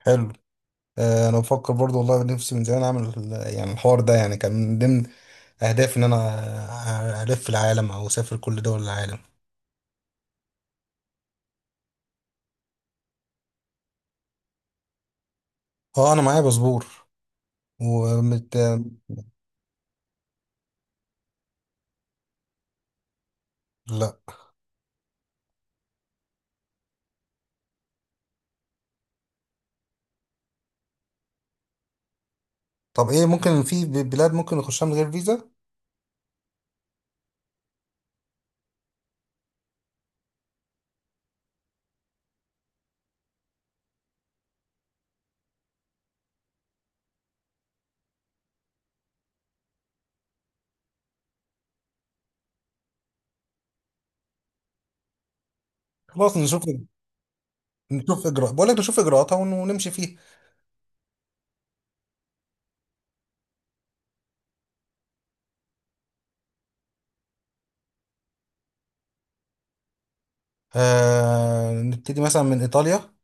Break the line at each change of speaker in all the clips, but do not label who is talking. حلو. انا بفكر برضو والله نفسي من زمان اعمل يعني الحوار ده يعني كان من ضمن اهدافي ان انا الف العالم او اسافر كل دول العالم. اه، انا معايا باسبور ومت. لا. طب ايه ممكن في بلاد ممكن نخشها من غير فيزا؟ خلاص نشوف. نشوف اجراء، بقول لك نشوف اجراءاتها ونمشي فيها. آه، نبتدي مثلا من ايطاليا.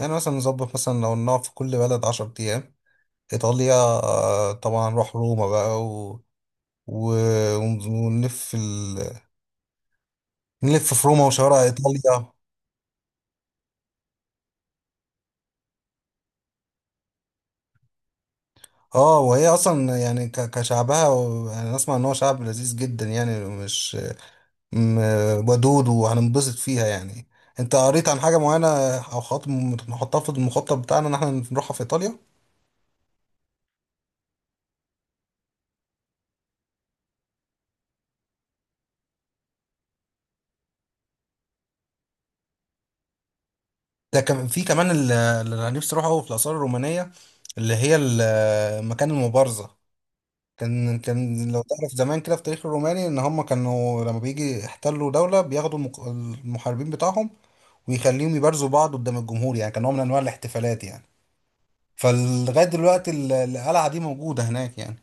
يعني مثلا نظبط مثلا لو نقعد في كل بلد 10 ايام. ايطاليا، آه طبعا نروح روما بقى و... و... ونلف نلف في روما وشوارع ايطاليا. اه، وهي اصلا يعني كشعبها يعني اسمع ان هو شعب لذيذ جدا يعني، مش ودود، وهننبسط فيها يعني. انت قريت عن حاجه معينه او خط نحطها في المخطط بتاعنا ان احنا نروحها في ايطاليا؟ ده كان في كمان اللي انا نفسي اروحه أوي في الاثار الرومانيه، اللي هي مكان المبارزه. كان، كان لو تعرف زمان كده في التاريخ الروماني ان هم كانوا لما بيجي يحتلوا دوله بياخدوا المحاربين بتاعهم ويخليهم يبارزوا بعض قدام الجمهور، يعني كان نوع من انواع الاحتفالات يعني. فلغايه دلوقتي القلعه دي موجوده هناك يعني.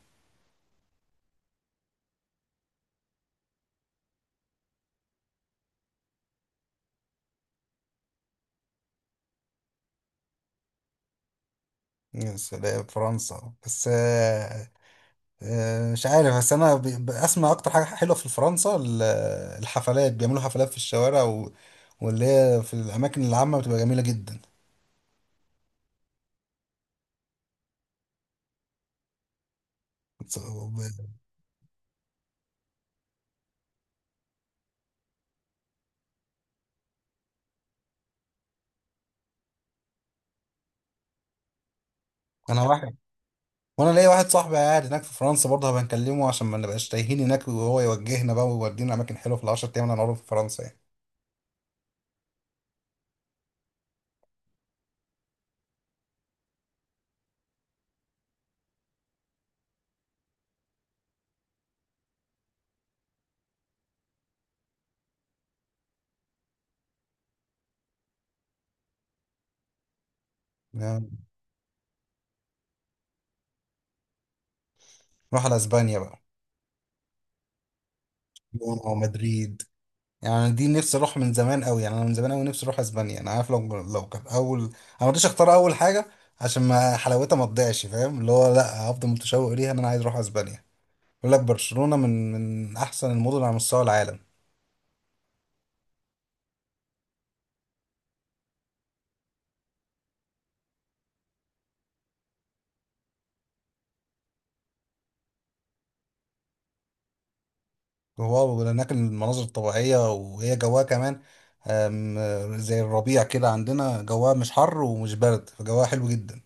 يا سلام فرنسا! بس مش عارف، بس انا بسمع اكتر حاجه حلوه في فرنسا الحفلات. بيعملوا حفلات في الشوارع، واللي هي في الاماكن العامه بتبقى جميله جدا. بس- وب- انا واحد، وانا ليا واحد صاحبي قاعد هناك في فرنسا برضه، هبقى نكلمه عشان ما نبقاش تايهين هناك، وهو يوجهنا بقى ويودينا اماكن حلوه في العشر ايام اللي هنقعدهم في فرنسا يعني. نروح على اسبانيا بقى. برشلونة ومدريد. يعني أنا دي نفسي اروح من زمان قوي، يعني انا من زمان قوي نفسي اروح اسبانيا. انا عارف لو كان اول، انا ما رضيتش اختار اول حاجه عشان ما حلاوتها ما تضيعش، فاهم؟ اللي هو لا، هفضل متشوق ليها ان انا عايز اروح اسبانيا. بيقول لك برشلونه من احسن المدن على مستوى العالم. وهو هناك المناظر الطبيعيه وهي جواها كمان، زي الربيع كده عندنا، جواها مش حر ومش برد، فجواها حلو جدا.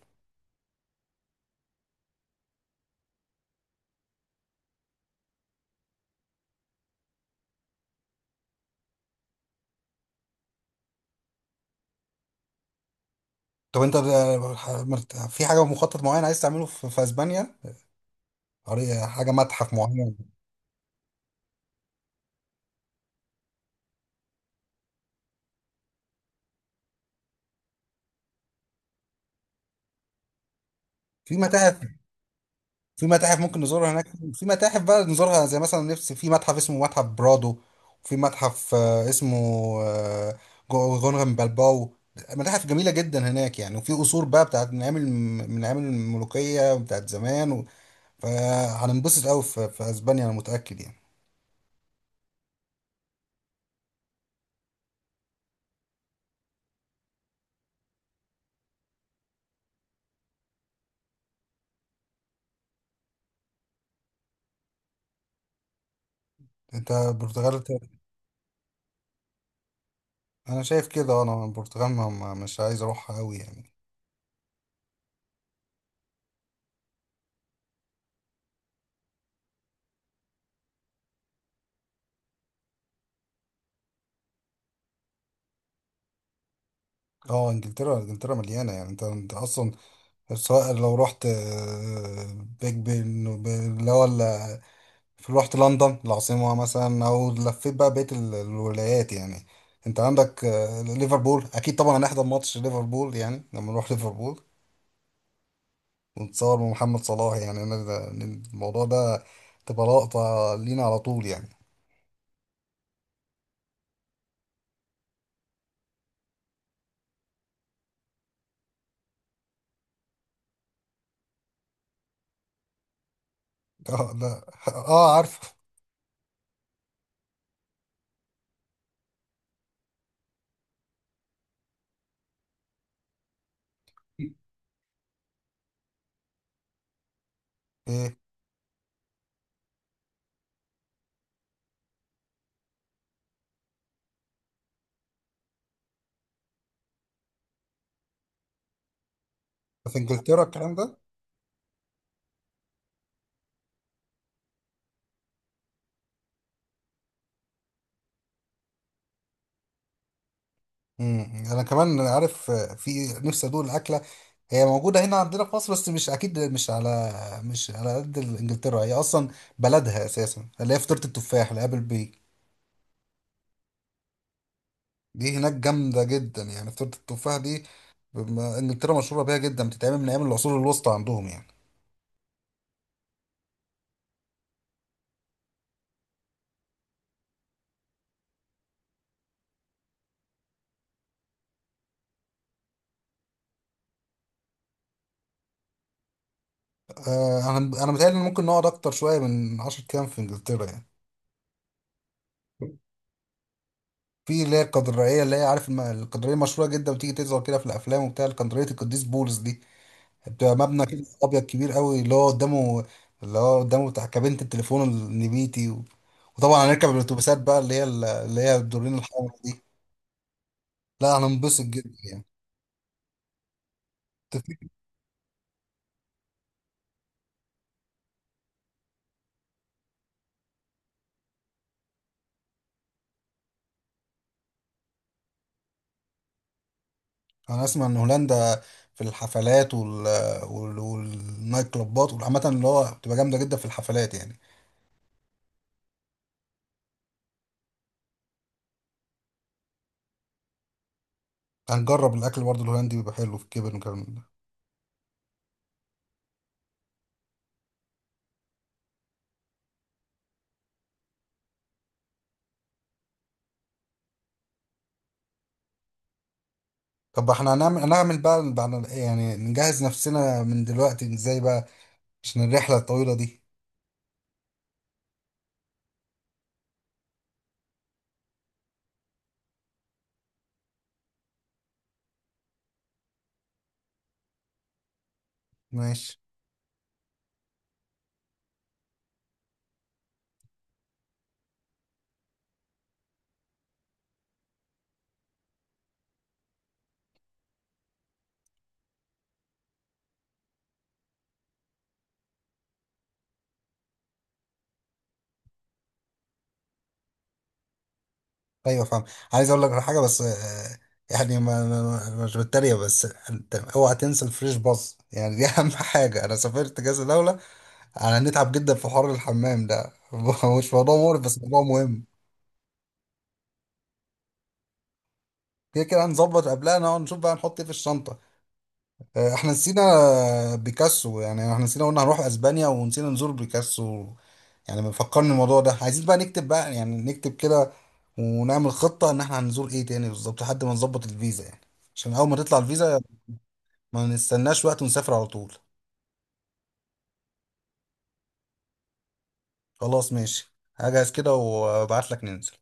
طب انت في حاجه مخطط معين عايز تعمله في اسبانيا؟ حاجه متحف معين؟ في متاحف. في متاحف ممكن نزورها هناك. في متاحف بقى نزورها، زي مثلا نفسي في متحف اسمه متحف برادو، وفي متحف اسمه، آه، غونغن بالباو. متاحف جميلة جدا هناك يعني، وفي قصور بقى بتاعت من أيام الملوكية بتاعت زمان. و... فهننبسط قوي في أسبانيا، أنا متأكد يعني. أنت البرتغال ت- أنا شايف كده، أنا البرتغال مش عايز أروحها قوي يعني. اه، انجلترا، انجلترا مليانة يعني. انت اصلا، سواء لو رحت بيج بن رحت لندن العاصمة مثلا، أو لفيت بقى بقية الولايات يعني. أنت عندك ليفربول. أكيد طبعا هنحضر ماتش ليفربول يعني لما نروح ليفربول، ونتصور مع محمد صلاح. يعني أنا الموضوع ده تبقى لقطة لينا على طول يعني. اه، لا، اه، عارفه. ايه في انجلترا الكلام ده؟ مم. انا كمان عارف، في نفسي ادوق الاكله. هي موجوده هنا عندنا في مصر بس مش اكيد، مش على، مش على قد انجلترا. هي اصلا بلدها اساسا، اللي هي فطيره التفاح اللي ابل بي. دي هناك جامده جدا يعني، فطيره التفاح دي. انجلترا مشهوره بيها جدا، بتتعمل من ايام العصور الوسطى عندهم يعني. آه، انا متهيألي ان ممكن نقعد اكتر شويه من 10 ايام في انجلترا يعني. في اللي هي القدرية، اللي هي عارف، القدرية مشهورة جدا، بتيجي تظهر كده في الأفلام وبتاع، القدرية القديس بولس دي، بتبقى مبنى كده ابيض كبير قوي، اللي هو قدامه، اللي هو قدامه بتاع كابينة التليفون النبيتي. وطبعا هنركب الاتوبيسات بقى، اللي هي الدورين الحمراء دي. لا، هننبسط جدا يعني. انا اسمع ان هولندا في الحفلات، والنايت كلوبات، وعامة اللي هو بتبقى جامدة جدا في الحفلات يعني. هنجرب الاكل برضه الهولندي بيبقى حلو في الكبن والكلام ده. طب احنا هنعمل بقى بعد، يعني نجهز نفسنا من دلوقتي ازاي بقى عشان الرحلة الطويلة دي؟ ماشي. ايوه فاهم. عايز اقول لك على حاجه بس، يعني مش بتريق، بس انت اوعى تنسى الفريش باص يعني، دي اهم حاجه. انا سافرت كذا دوله، انا نتعب جدا في حوار الحمام ده. مش موضوع مقرف بس موضوع مهم. كده كده هنظبط قبلها، نقعد نشوف بقى نحط ايه في الشنطه. آه، احنا نسينا بيكاسو! يعني احنا نسينا، قلنا هنروح اسبانيا ونسينا نزور بيكاسو. يعني ما فكرني الموضوع ده، عايزين بقى نكتب بقى يعني، نكتب كده ونعمل خطه ان احنا هنزور ايه تاني بالظبط لحد ما نظبط الفيزا يعني. عشان اول ما تطلع الفيزا ما نستناش وقت ونسافر على طول. خلاص ماشي، هجهز كده وابعت لك ننزل.